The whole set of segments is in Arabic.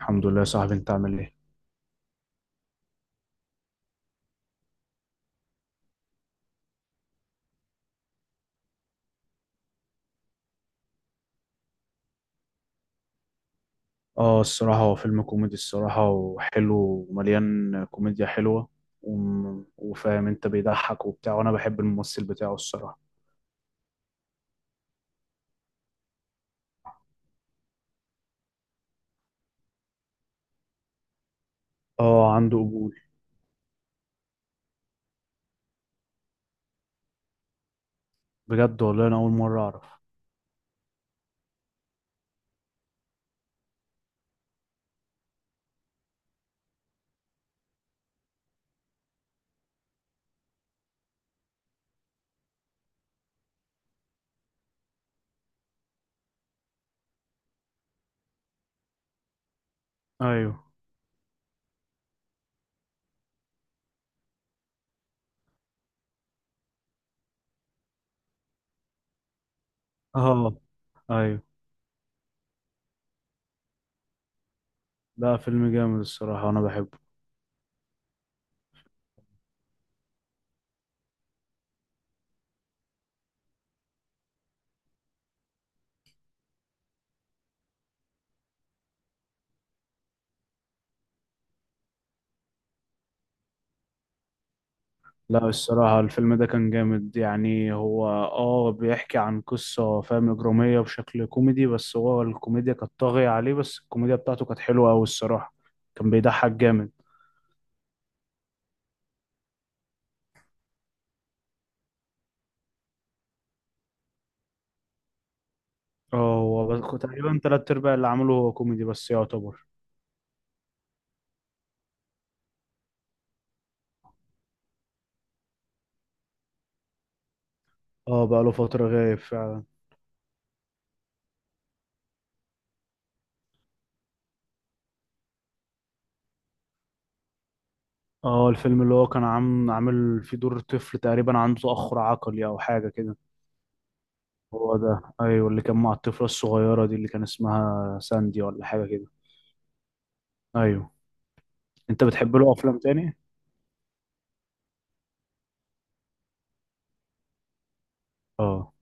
الحمد لله يا صاحبي، انت عامل ايه؟ اه الصراحة هو فيلم كوميدي الصراحة، وحلو ومليان كوميديا حلوة. وفاهم انت، بيضحك وبتاع، وانا بحب الممثل بتاعه الصراحة. اه عنده قبول. بجد والله انا اول مرة اعرف. ايوه. اه. ايوه، لا فيلم جامد الصراحة، انا بحبه. لا الصراحة الفيلم ده كان جامد، يعني هو اه بيحكي عن قصة فاهم إجرامية بشكل كوميدي، بس هو الكوميديا كانت طاغية عليه، بس الكوميديا بتاعته كانت حلوة أوي الصراحة. كان بيضحك جامد. اه هو كنت تقريبا تلات ارباع اللي عمله هو كوميدي بس يعتبر. اه بقى له فترة غايب فعلا. اه الفيلم اللي هو كان عامل فيه دور طفل تقريبا عنده تأخر عقلي او حاجة كده. هو ده، ايوه، اللي كان مع الطفلة الصغيرة دي اللي كان اسمها ساندي ولا حاجة كده. ايوه. انت بتحب له افلام تاني؟ اه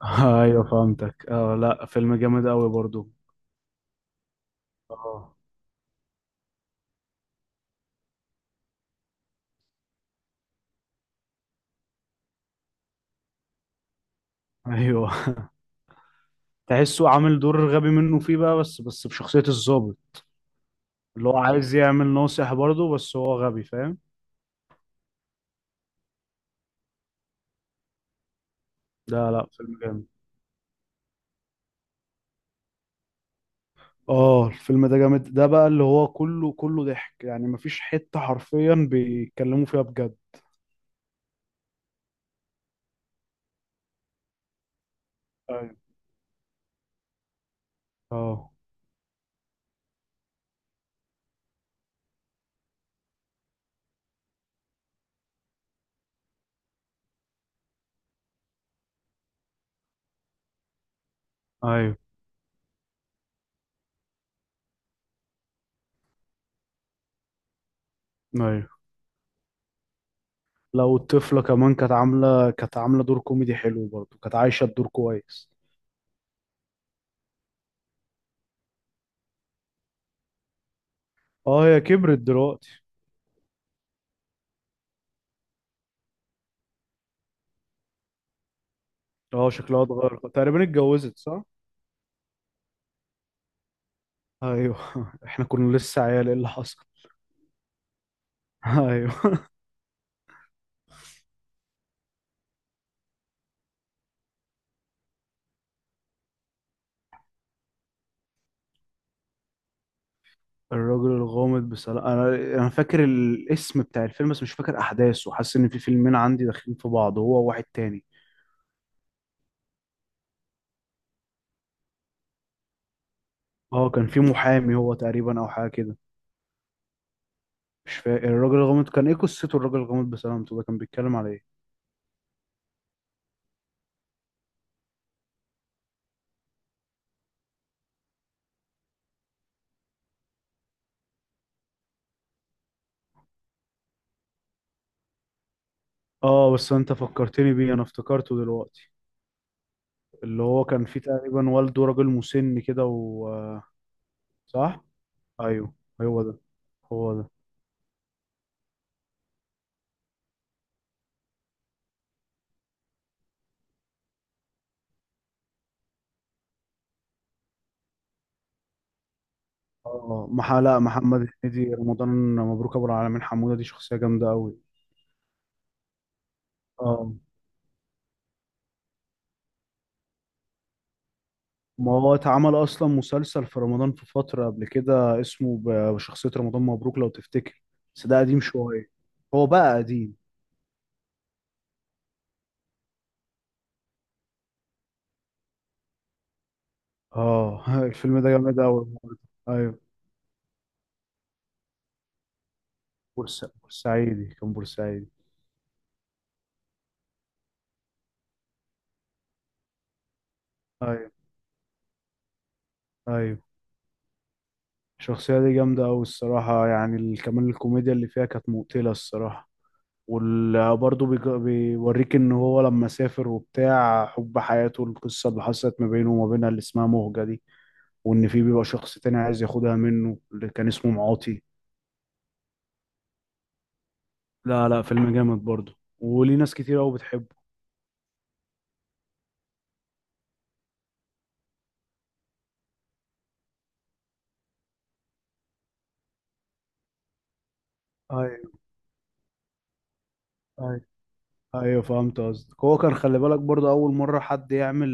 ايوه فهمتك. اه لا فيلم جامد قوي برضو. اه. ايوه تحسه عامل دور غبي منه فيه بقى، بس بشخصية الضابط اللي هو عايز يعمل ناصح برضه، بس هو غبي فاهم. لا لا، فيلم جامد. اه الفيلم ده جامد، ده بقى اللي هو كله ضحك، يعني مفيش حتة حرفيا بيتكلموا فيها بجد. ايوه. اه. ايوه. ايوه لو الطفلة كمان كانت عاملة كانت عاملة دور كوميدي حلو برضه، كانت عايشة الدور كويس. اه هي كبرت دلوقتي. اه شكلها اتغير، تقريبا اتجوزت، صح؟ ايوه احنا كنا لسه عيال، ايه اللي حصل؟ ايوه. الراجل الغامض بسلام، انا فاكر الاسم بتاع الفيلم بس مش فاكر احداثه، حاسس ان في فيلمين عندي داخلين في بعض، هو واحد تاني. اه كان في محامي هو تقريبا او حاجه كده. مش فاكر الراجل الغامض كان ايه قصته، الراجل الغامض بسلامته ده كان بيتكلم على ايه؟ اه بس انت فكرتني بيه، انا افتكرته دلوقتي. اللي هو كان فيه تقريبا والده راجل مسن كده و صح. ايوه هو ده، هو ده. لا، محمد هنيدي، رمضان مبروك ابو العالمين حموده دي شخصيه جامده قوي. اه ما هو اتعمل اصلا مسلسل في رمضان في فتره قبل كده اسمه بشخصيه رمضان مبروك لو تفتكر. بس ده قديم شويه. هو بقى قديم. اه الفيلم ده جامد قوي. ايوه، بورسعيدي، كان بورسعيدي. ايوه. ايوه الشخصيه دي جامده قوي الصراحه، يعني كمان الكوميديا اللي فيها كانت مقتله الصراحه. وبرضه بيوريك ان هو لما سافر وبتاع حب حياته، القصه اللي حصلت ما بينه وما بينها اللي اسمها مهجه دي، وان في بيبقى شخص تاني عايز ياخدها منه اللي كان اسمه معاطي. لا لا فيلم جامد برضه، وليه ناس كتير قوي بتحبه. ايوه. ايوه. ايوه فهمت قصدك، هو كان خلي بالك برضه اول مره حد يعمل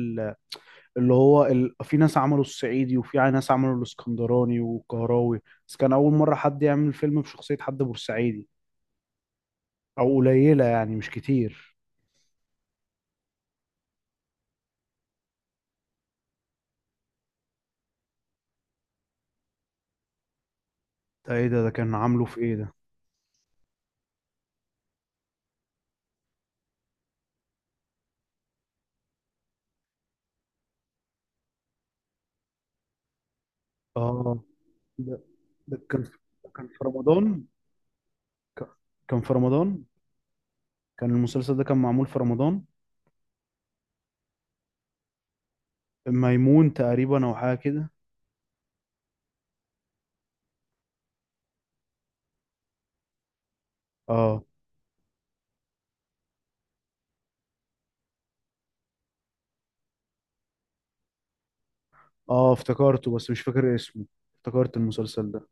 في ناس عملوا الصعيدي وفي ناس عملوا الاسكندراني والقهراوي، بس كان أول مرة حد يعمل فيلم بشخصية حد بورسعيدي. أو قليلة يعني مش كتير. ده إيه ده، ده كان عامله في إيه ده؟ آه. ده ده كان ده كان في رمضان. ك- كان في رمضان. كان المسلسل ده كان معمول في رمضان. ميمون تقريبا أو حاجة كده. آه. آه افتكرته بس مش فاكر اسمه، افتكرت المسلسل ده.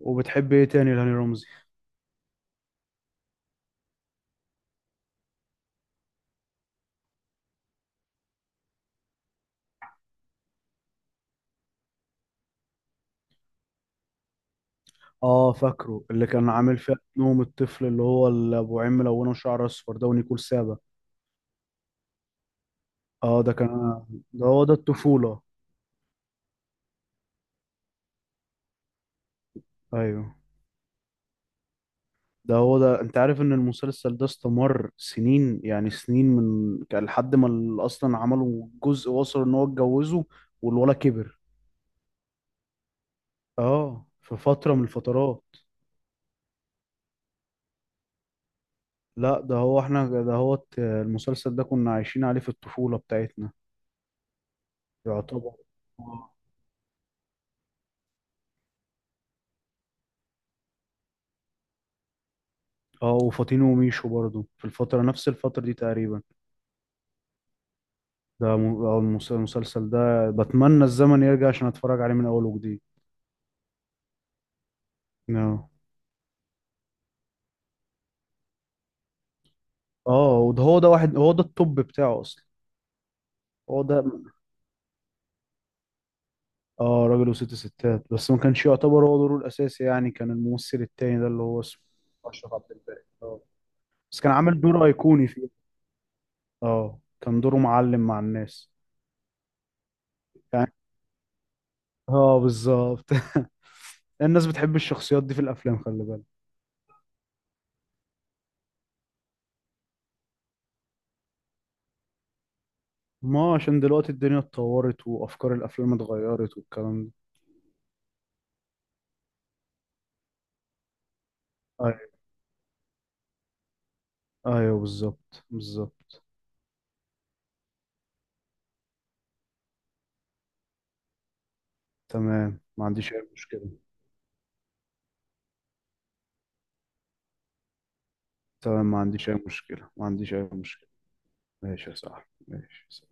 وبتحب إيه تاني لهاني رمزي؟ اه فاكره اللي كان عامل فيها نوم الطفل اللي هو اللي ابو عين ملونه وشعر اصفر ده ونيكول سابا. اه ده كان، ده هو ده الطفوله. ايوه ده هو ده، انت عارف ان المسلسل ده استمر سنين يعني سنين، من كان لحد ما اصلا عملوا جزء وصل ان هو اتجوزه والولد كبر. اه في فتره من الفترات. لا ده هو، احنا ده هو المسلسل ده كنا عايشين عليه في الطفوله بتاعتنا. يعتبر. اه وفاطين وميشو برضو في نفس الفتره دي تقريبا. ده م- آه، المس- المسلسل ده بتمنى الزمن يرجع عشان اتفرج عليه من اول وجديد. No. اه وده هو ده واحد، هو ده التوب بتاعه اصلا. هو ده. اه راجل وست ستات، بس ما كانش يعتبر هو دوره الاساسي، يعني كان الممثل التاني ده اللي هو اسمه اشرف عبد الباقي اه. بس كان عامل دور ايقوني فيه. اه كان دوره معلم مع الناس. يعني اه بالظبط الناس بتحب الشخصيات دي في الافلام خلي بالك. ما عشان دلوقتي الدنيا اتطورت، وافكار الافلام اتغيرت والكلام. ده ايوه، بالظبط بالظبط. تمام ما عنديش اي مشكلة. تمام ما عنديش اي مشكلة، ما عنديش اي مشكلة. ماشي يا صاحبي ماشي.